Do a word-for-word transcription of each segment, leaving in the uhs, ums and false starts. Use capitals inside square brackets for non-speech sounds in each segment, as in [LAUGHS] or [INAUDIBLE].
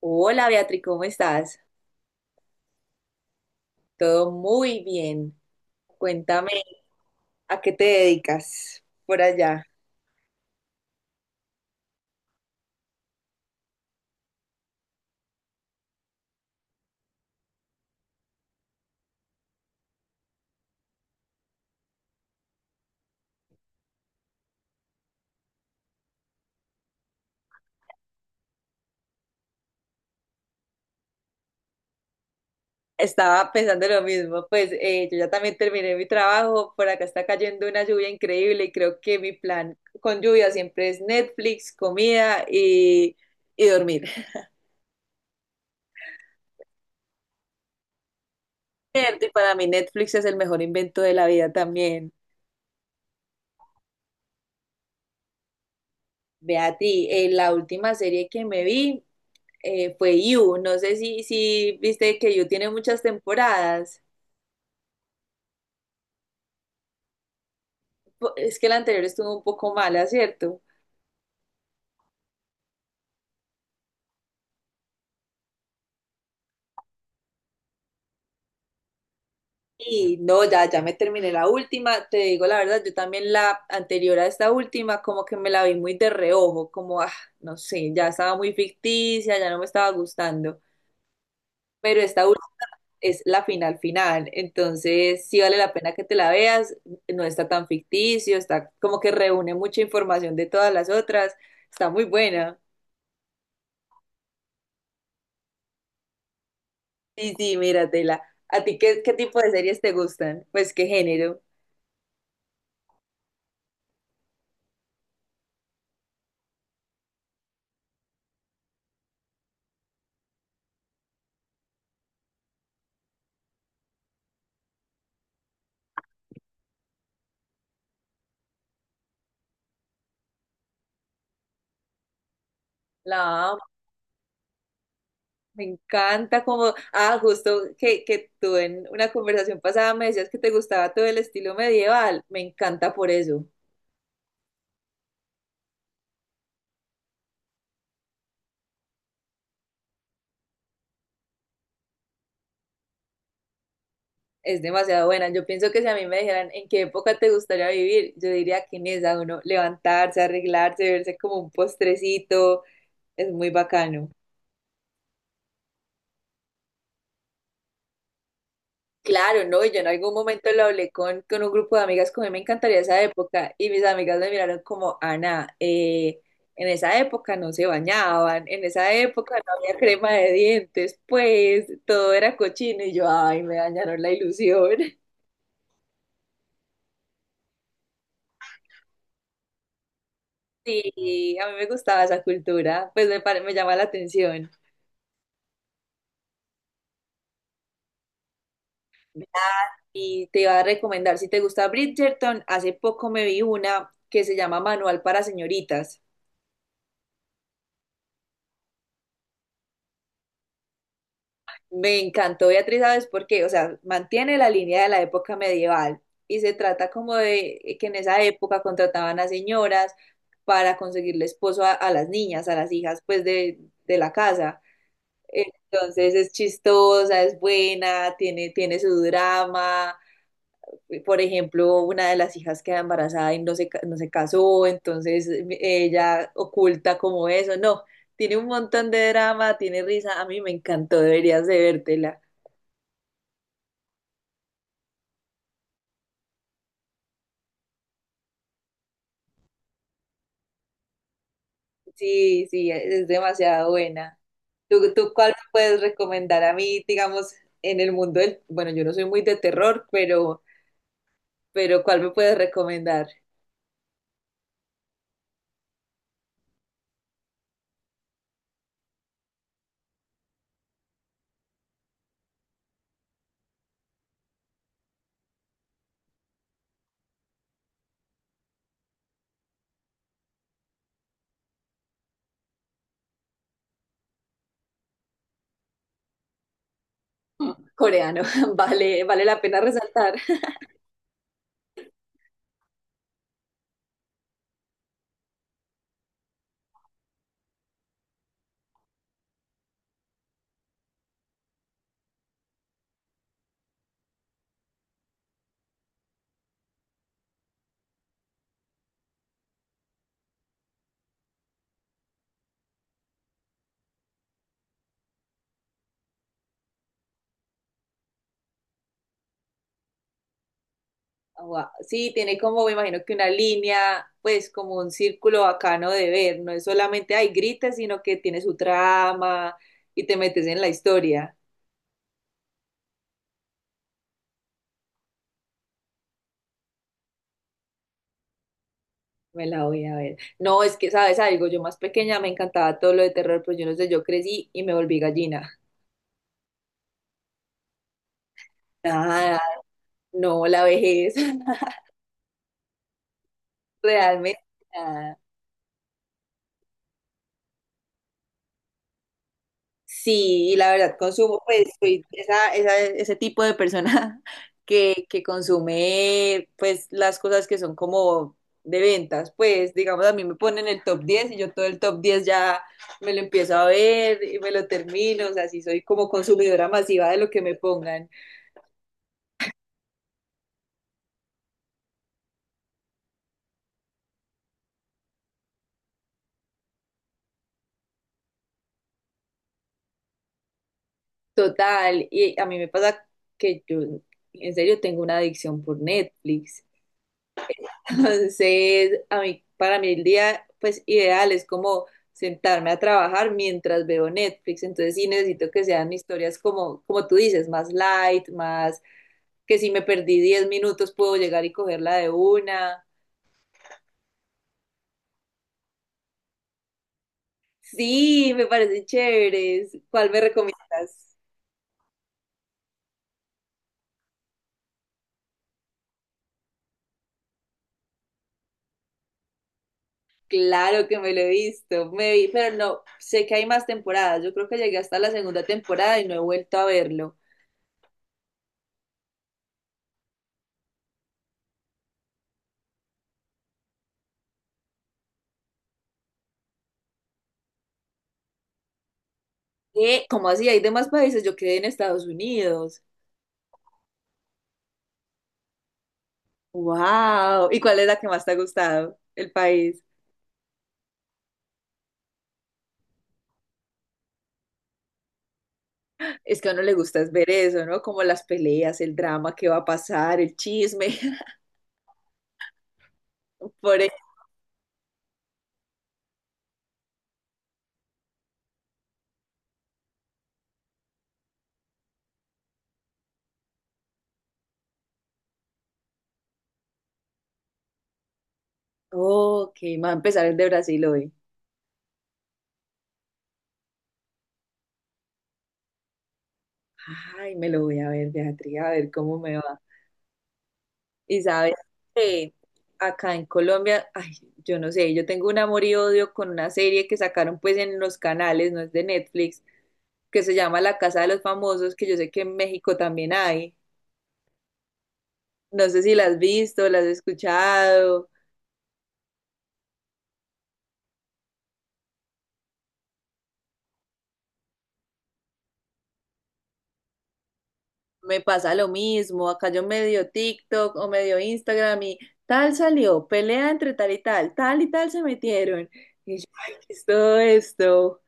Hola Beatriz, ¿cómo estás? Todo muy bien. Cuéntame, ¿a qué te dedicas por allá? Estaba pensando lo mismo, pues eh, yo ya también terminé mi trabajo, por acá está cayendo una lluvia increíble y creo que mi plan con lluvia siempre es Netflix, comida y, y dormir. [LAUGHS] Cierto, y para mí Netflix es el mejor invento de la vida también. Beatriz, eh, la última serie que me vi eh, fue You, no sé si, si viste que You tiene muchas temporadas. Es que la anterior estuvo un poco mala, ¿cierto? Y no, ya, ya me terminé la última. Te digo la verdad, yo también la anterior a esta última, como que me la vi muy de reojo, como, ah, no sé, ya estaba muy ficticia, ya no me estaba gustando. Pero esta última es la final final, entonces sí vale la pena que te la veas, no está tan ficticio, está como que reúne mucha información de todas las otras, está muy buena. Sí, sí, míratela. ¿A ti qué, qué tipo de series te gustan? Pues qué género. La... Me encanta como, ah, justo que, que tú en una conversación pasada me decías que te gustaba todo el estilo medieval. Me encanta por eso. Es demasiado buena. Yo pienso que si a mí me dijeran en qué época te gustaría vivir, yo diría que en esa, uno levantarse, arreglarse, verse como un postrecito, es muy bacano. Claro, no, yo en algún momento lo hablé con, con un grupo de amigas que a mí me encantaría esa época y mis amigas me miraron como, Ana, eh, en esa época no se bañaban, en esa época no había crema de dientes, pues todo era cochino y yo, ay, me dañaron la ilusión. [LAUGHS] Sí, a mí me gustaba esa cultura, pues me, pare- me llama la atención. Y te iba a recomendar, si te gusta Bridgerton, hace poco me vi una que se llama Manual para Señoritas. Me encantó, Beatriz, ¿sabes por qué? O sea, mantiene la línea de la época medieval y se trata como de que en esa época contrataban a señoras para conseguirle esposo a, a las niñas, a las hijas, pues de, de la casa. Entonces es chistosa, es buena, tiene, tiene su drama. Por ejemplo, una de las hijas queda embarazada y no se, ca- no se casó, entonces ella oculta como eso. No, tiene un montón de drama, tiene risa. A mí me encantó, deberías de vértela. Sí, sí, es demasiado buena. ¿Tú, tú cuál me puedes recomendar a mí, digamos, en el mundo del... Bueno, yo no soy muy de terror, pero, pero ¿cuál me puedes recomendar? Mm, coreano, [LAUGHS] vale, vale la pena resaltar. Wow, sí, tiene como, me imagino que una línea, pues como un círculo bacano de ver, no es solamente, ay, grites, sino que tiene su trama y te metes en la historia. Me la voy a ver. No, es que, ¿sabes algo? Yo más pequeña me encantaba todo lo de terror, pero yo no sé, yo crecí y me volví gallina. Nada, no, la vejez, [LAUGHS] realmente nada. Sí, y la verdad, consumo, pues soy esa, esa- ese tipo de persona [LAUGHS] que, que consume, pues, las cosas que son como de ventas. Pues, digamos, a mí me ponen el top diez y yo todo el top diez ya me lo empiezo a ver y me lo termino. O sea, sí soy como consumidora masiva de lo que me pongan. Total, y a mí me pasa que yo en serio tengo una adicción por Netflix. [LAUGHS] Entonces, a mí, para mí el día pues ideal es como sentarme a trabajar mientras veo Netflix. Entonces sí necesito que sean historias como, como tú dices, más light, más que si me perdí diez minutos puedo llegar y cogerla de una. Sí, me parecen chéveres. ¿Cuál me recomiendas? Claro que me lo he visto, me vi, pero no, sé que hay más temporadas. Yo creo que llegué hasta la segunda temporada y no he vuelto a verlo. ¿Qué? ¿Cómo así? Hay demás países. Yo quedé en Estados Unidos. ¡Wow! ¿Y cuál es la que más te ha gustado? El país. Es que a uno le gusta es ver eso, ¿no? Como las peleas, el drama que va a pasar, el chisme. [LAUGHS] Por eso. Ok, me va a empezar el de Brasil hoy. Ay, me lo voy a ver, Beatriz, a ver cómo me va. Y sabes que acá en Colombia, ay, yo no sé, yo tengo un amor y odio con una serie que sacaron pues en los canales, no es de Netflix, que se llama La Casa de los Famosos, que yo sé que en México también hay. No sé si la has visto, la has escuchado. Me pasa lo mismo, acá yo medio TikTok o medio Instagram y tal salió, pelea entre tal y tal, tal y tal se metieron. Y yo, ay, ¿qué es todo esto?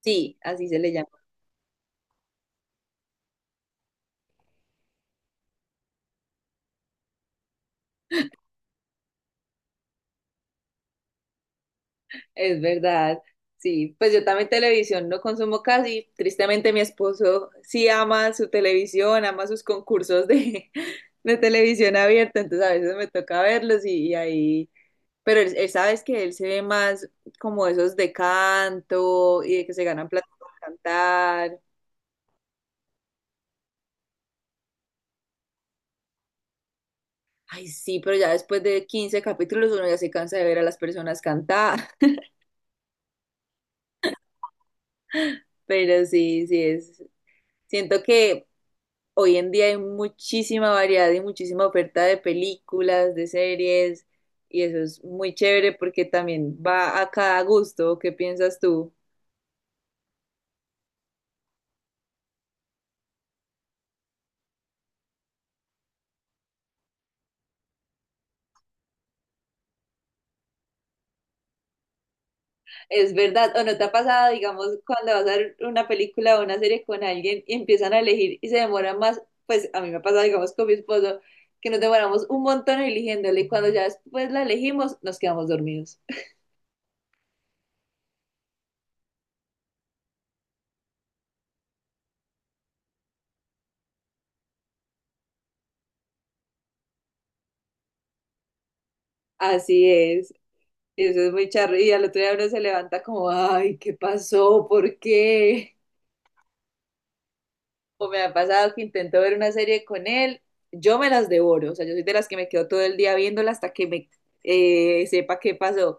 Sí, así se le llama. Es verdad, sí, pues yo también televisión no consumo casi, tristemente mi esposo sí ama su televisión, ama sus concursos de, [LAUGHS] de televisión abierta, entonces a veces me toca verlos y, y ahí, pero él, él sabes que él se ve más como esos de canto y de que se ganan plata por cantar, ay sí, pero ya después de quince capítulos uno ya se cansa de ver a las personas cantar, [LAUGHS] pero sí, sí es, siento que hoy en día hay muchísima variedad y muchísima oferta de películas, de series, y eso es muy chévere porque también va a cada gusto. ¿Qué piensas tú? Es verdad, ¿o no te ha pasado, digamos, cuando vas a ver una película o una serie con alguien y empiezan a elegir y se demoran más? Pues a mí me ha pasado, digamos, con mi esposo, que nos demoramos un montón eligiéndole y cuando ya después la elegimos, nos quedamos dormidos. Así es. Eso es muy charro. Y al otro día uno se levanta como, ay, ¿qué pasó? ¿Por qué? O me ha pasado que intento ver una serie con él, yo me las devoro, o sea, yo soy de las que me quedo todo el día viéndola hasta que me eh, sepa qué pasó.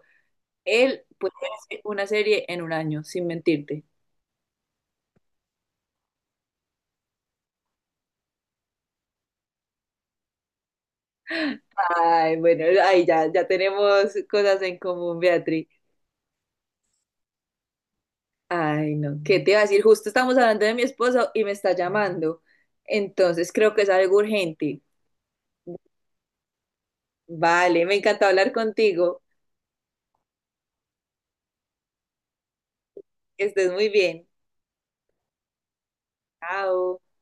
Él puede ver una serie en un año, sin mentirte. Ay, bueno, ay, ya, ya tenemos cosas en común, Beatriz. Ay, no, ¿qué te iba a decir? Justo estamos hablando de mi esposo y me está llamando. Entonces creo que es algo urgente. Vale, me encantó hablar contigo. Que estés muy bien. Chao.